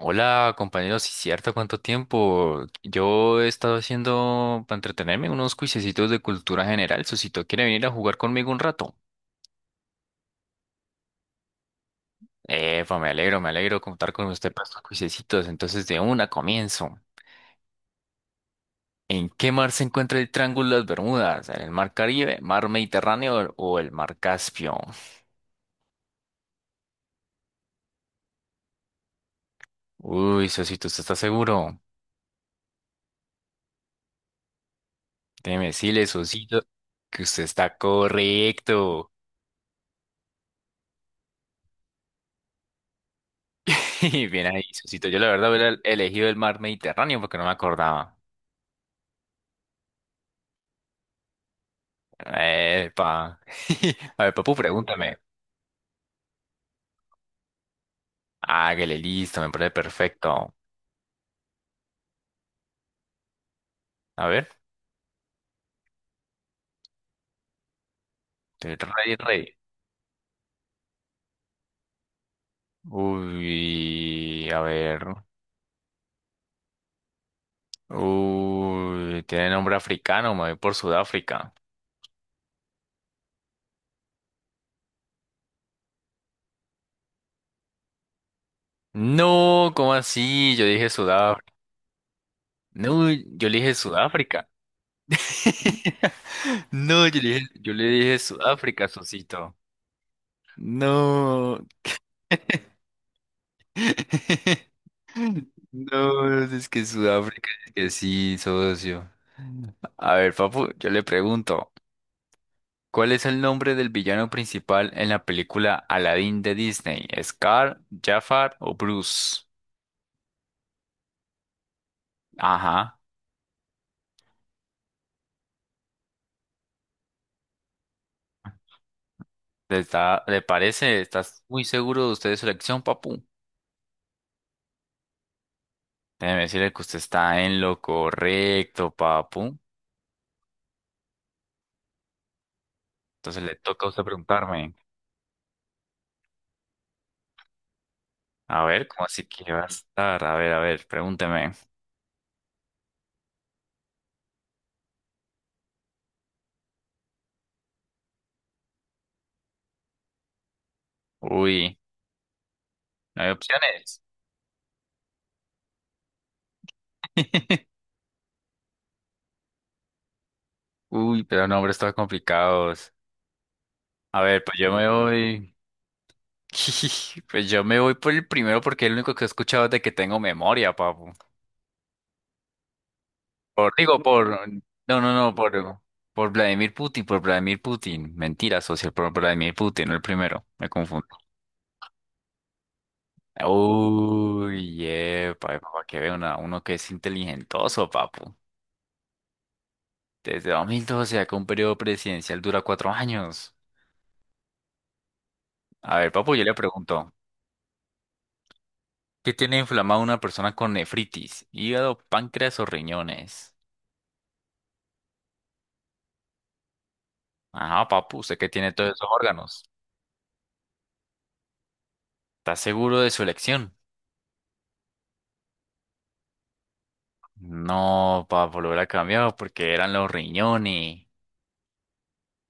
Hola, compañeros, sí, cierto, ¿cuánto tiempo? Yo he estado haciendo, para entretenerme, unos cuisecitos de cultura general. Susito, ¿quiere venir a jugar conmigo un rato? Epa, me alegro contar con usted para estos cuisecitos. Entonces, de una comienzo. ¿En qué mar se encuentra el Triángulo de las Bermudas? ¿En el mar Caribe, mar Mediterráneo o el mar Caspio? Uy, Sosito, ¿usted está seguro? Déjeme decirle, Sosito, que usted está correcto. Bien ahí, Susito. Yo la verdad hubiera elegido el mar Mediterráneo porque no me acordaba. Epa. A ver, papu, pregúntame. Hágale, listo, me parece perfecto. A ver, estoy rey, rey. Uy, a ver. Uy, tiene nombre africano, me voy por Sudáfrica. No, ¿cómo así? Yo dije Sudáfrica. No, yo le dije Sudáfrica. No, yo le dije Sudáfrica, Susito. No. No, es que Sudáfrica, es que sí, socio. A ver, papu, yo le pregunto, ¿cuál es el nombre del villano principal en la película Aladdin de Disney? ¿Scar, Jafar o Bruce? Ajá, ¿Le parece? ¿Estás muy seguro de usted de su elección, papu? Déjeme decirle que usted está en lo correcto, papu. Entonces le toca a usted preguntarme. A ver, ¿cómo así que va a estar? A ver, pregúnteme. Uy, no hay opciones. Uy, pero nombres todos complicados. A ver, pues yo me voy. Pues yo me voy por el primero porque es el único que he escuchado de que tengo memoria, papu. Por, digo, por. No, no, no, por Vladimir Putin, por Vladimir Putin. Mentira, socio, por Vladimir Putin, no el primero. Me confundo. Uy, epa, para que vea uno que es inteligentoso, papu. Desde 2012, acá un periodo presidencial dura 4 años. A ver, papu, yo le pregunto. ¿Qué tiene inflamado una persona con nefritis? Hígado, páncreas o riñones. Ajá, papu, usted que tiene todos esos órganos. ¿Está seguro de su elección? No, papu, lo hubiera cambiado porque eran los riñones.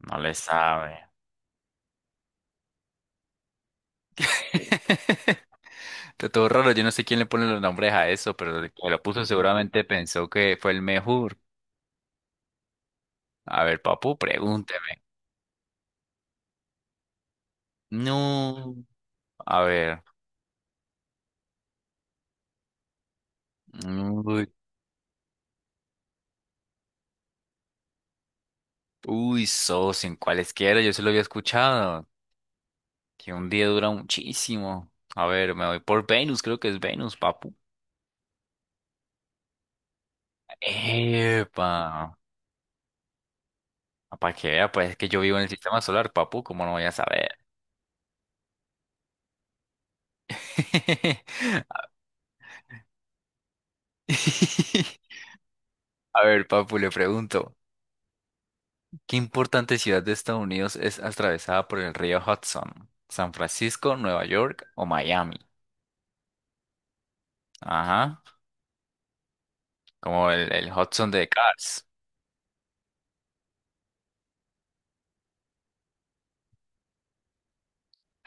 No le sabe. Está todo raro, yo no sé quién le pone los nombres a eso, pero el que lo puso seguramente pensó que fue el mejor. A ver, papu, pregúnteme. No, a ver. Uy, uy, socio, en cualesquiera, yo se lo había escuchado. Que un día dura muchísimo. A ver, me voy por Venus, creo que es Venus, papu. Epa. Para que vea, pues es que yo vivo en el sistema solar, papu, ¿cómo no voy a saber? A ver, papu, le pregunto, ¿qué importante ciudad de Estados Unidos es atravesada por el río Hudson? ¿San Francisco, Nueva York o Miami? Ajá, como el Hudson de Cars.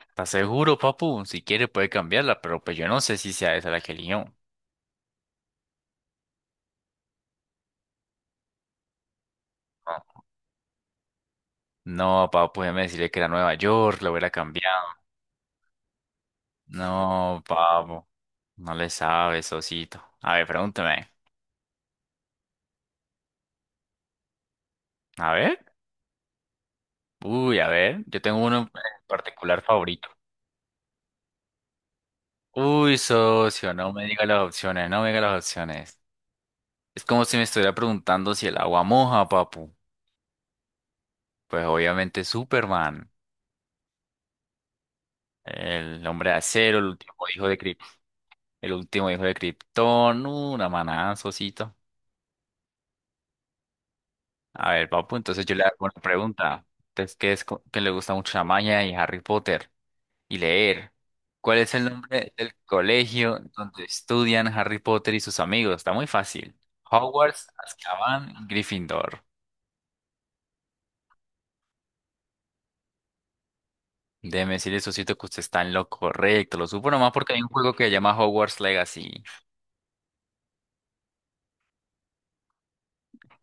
¿Estás seguro, papu? Si quiere puede cambiarla, pero pues yo no sé si sea esa la que eligió. No, papo, déjeme decirle que era Nueva York, lo hubiera cambiado. No, papo, no le sabe, socito. A ver, pregúntame. A ver. Uy, a ver, yo tengo uno en particular favorito. Uy, socio, no me diga las opciones, no me diga las opciones. Es como si me estuviera preguntando si el agua moja, papu. Pues obviamente Superman, el hombre de acero, el último hijo de Krypton, el último hijo de Krypton, una manada, socito. A ver, papu, entonces yo le hago una pregunta. Entonces, ¿qué es que le gusta mucho la maña y Harry Potter? Y leer. ¿Cuál es el nombre del colegio donde estudian Harry Potter y sus amigos? Está muy fácil. Hogwarts, Azkaban, Gryffindor. Déjeme decirle, socito, que usted está en lo correcto. Lo supo nomás porque hay un juego que se llama Hogwarts Legacy.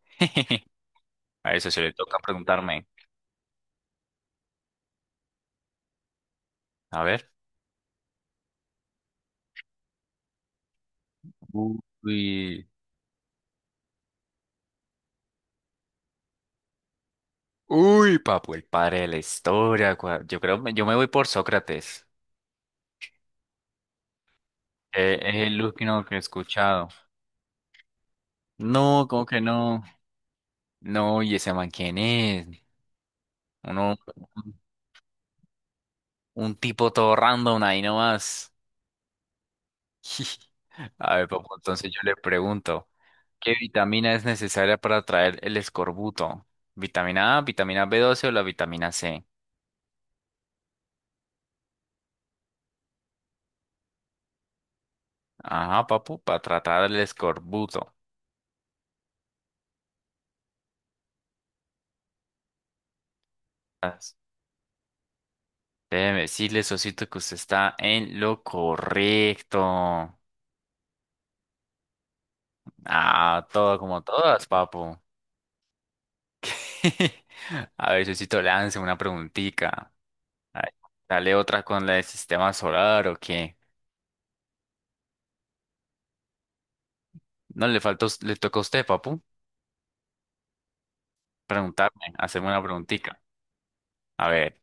A eso se le toca preguntarme. A ver. Uy. Uy, papu, el padre de la historia. Yo creo, yo me voy por Sócrates. Es el último que he escuchado. No, ¿cómo que no? No, ¿y ese man quién es? Uno, un, un tipo todo random ahí nomás. A ver, papu, entonces yo le pregunto, ¿qué vitamina es necesaria para traer el escorbuto? ¿Vitamina A, vitamina B12 o la vitamina C? Ajá, papu, para tratar el escorbuto. As- Déjeme decirle, socito, que usted está en lo correcto. Ah, todo como todas, papu. A ver, Sosito, lance una preguntica. A ver, dale otra con la del sistema solar o qué. No, le faltó, le tocó a usted, papu, preguntarme, hacerme una preguntica. A ver.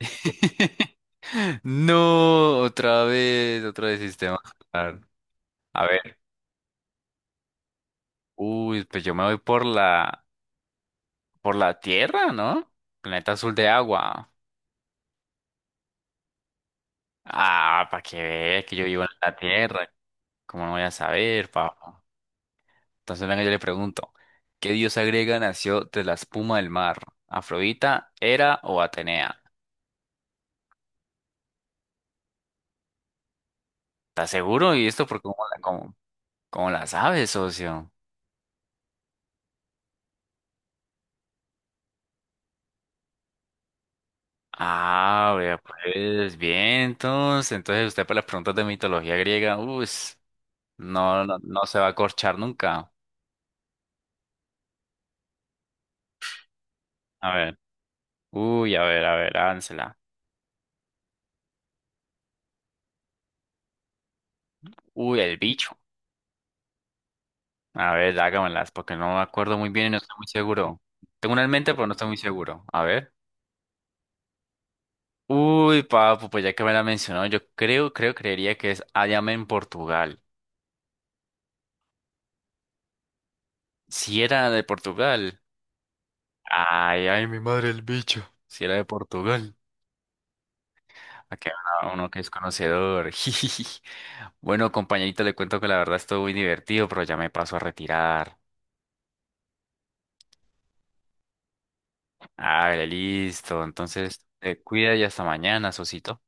No, otra vez sistema solar. A ver. Uy, pues yo me voy por la Tierra, ¿no? Planeta azul de agua. Ah, para que vea que yo vivo en la Tierra. ¿Cómo no voy a saber, papu? Entonces, venga, yo le pregunto, ¿qué diosa griega nació de la espuma del mar? ¿Afrodita, Hera o Atenea? ¿Estás seguro? ¿Y esto por cómo la sabes, socio? Ah, vea, pues vientos. Entonces usted para las preguntas de mitología griega, uy, no, no, no se va a corchar nunca. A ver, uy, a ver, hágansela. Uy, el bicho. A ver, hágamelas, porque no me acuerdo muy bien y no estoy muy seguro. Tengo una en mente, pero no estoy muy seguro. A ver. Uy, papu, pues ya que me la mencionó, creería que es Ayame en Portugal. Si era de Portugal. Ay, ay, mi madre el bicho. Si era de Portugal. Aquí habrá uno que es conocedor. jijiji. Bueno, compañerito, le cuento que la verdad estuvo muy divertido, pero ya me paso a retirar. Ah, listo. Entonces, te cuida y hasta mañana, Sosito.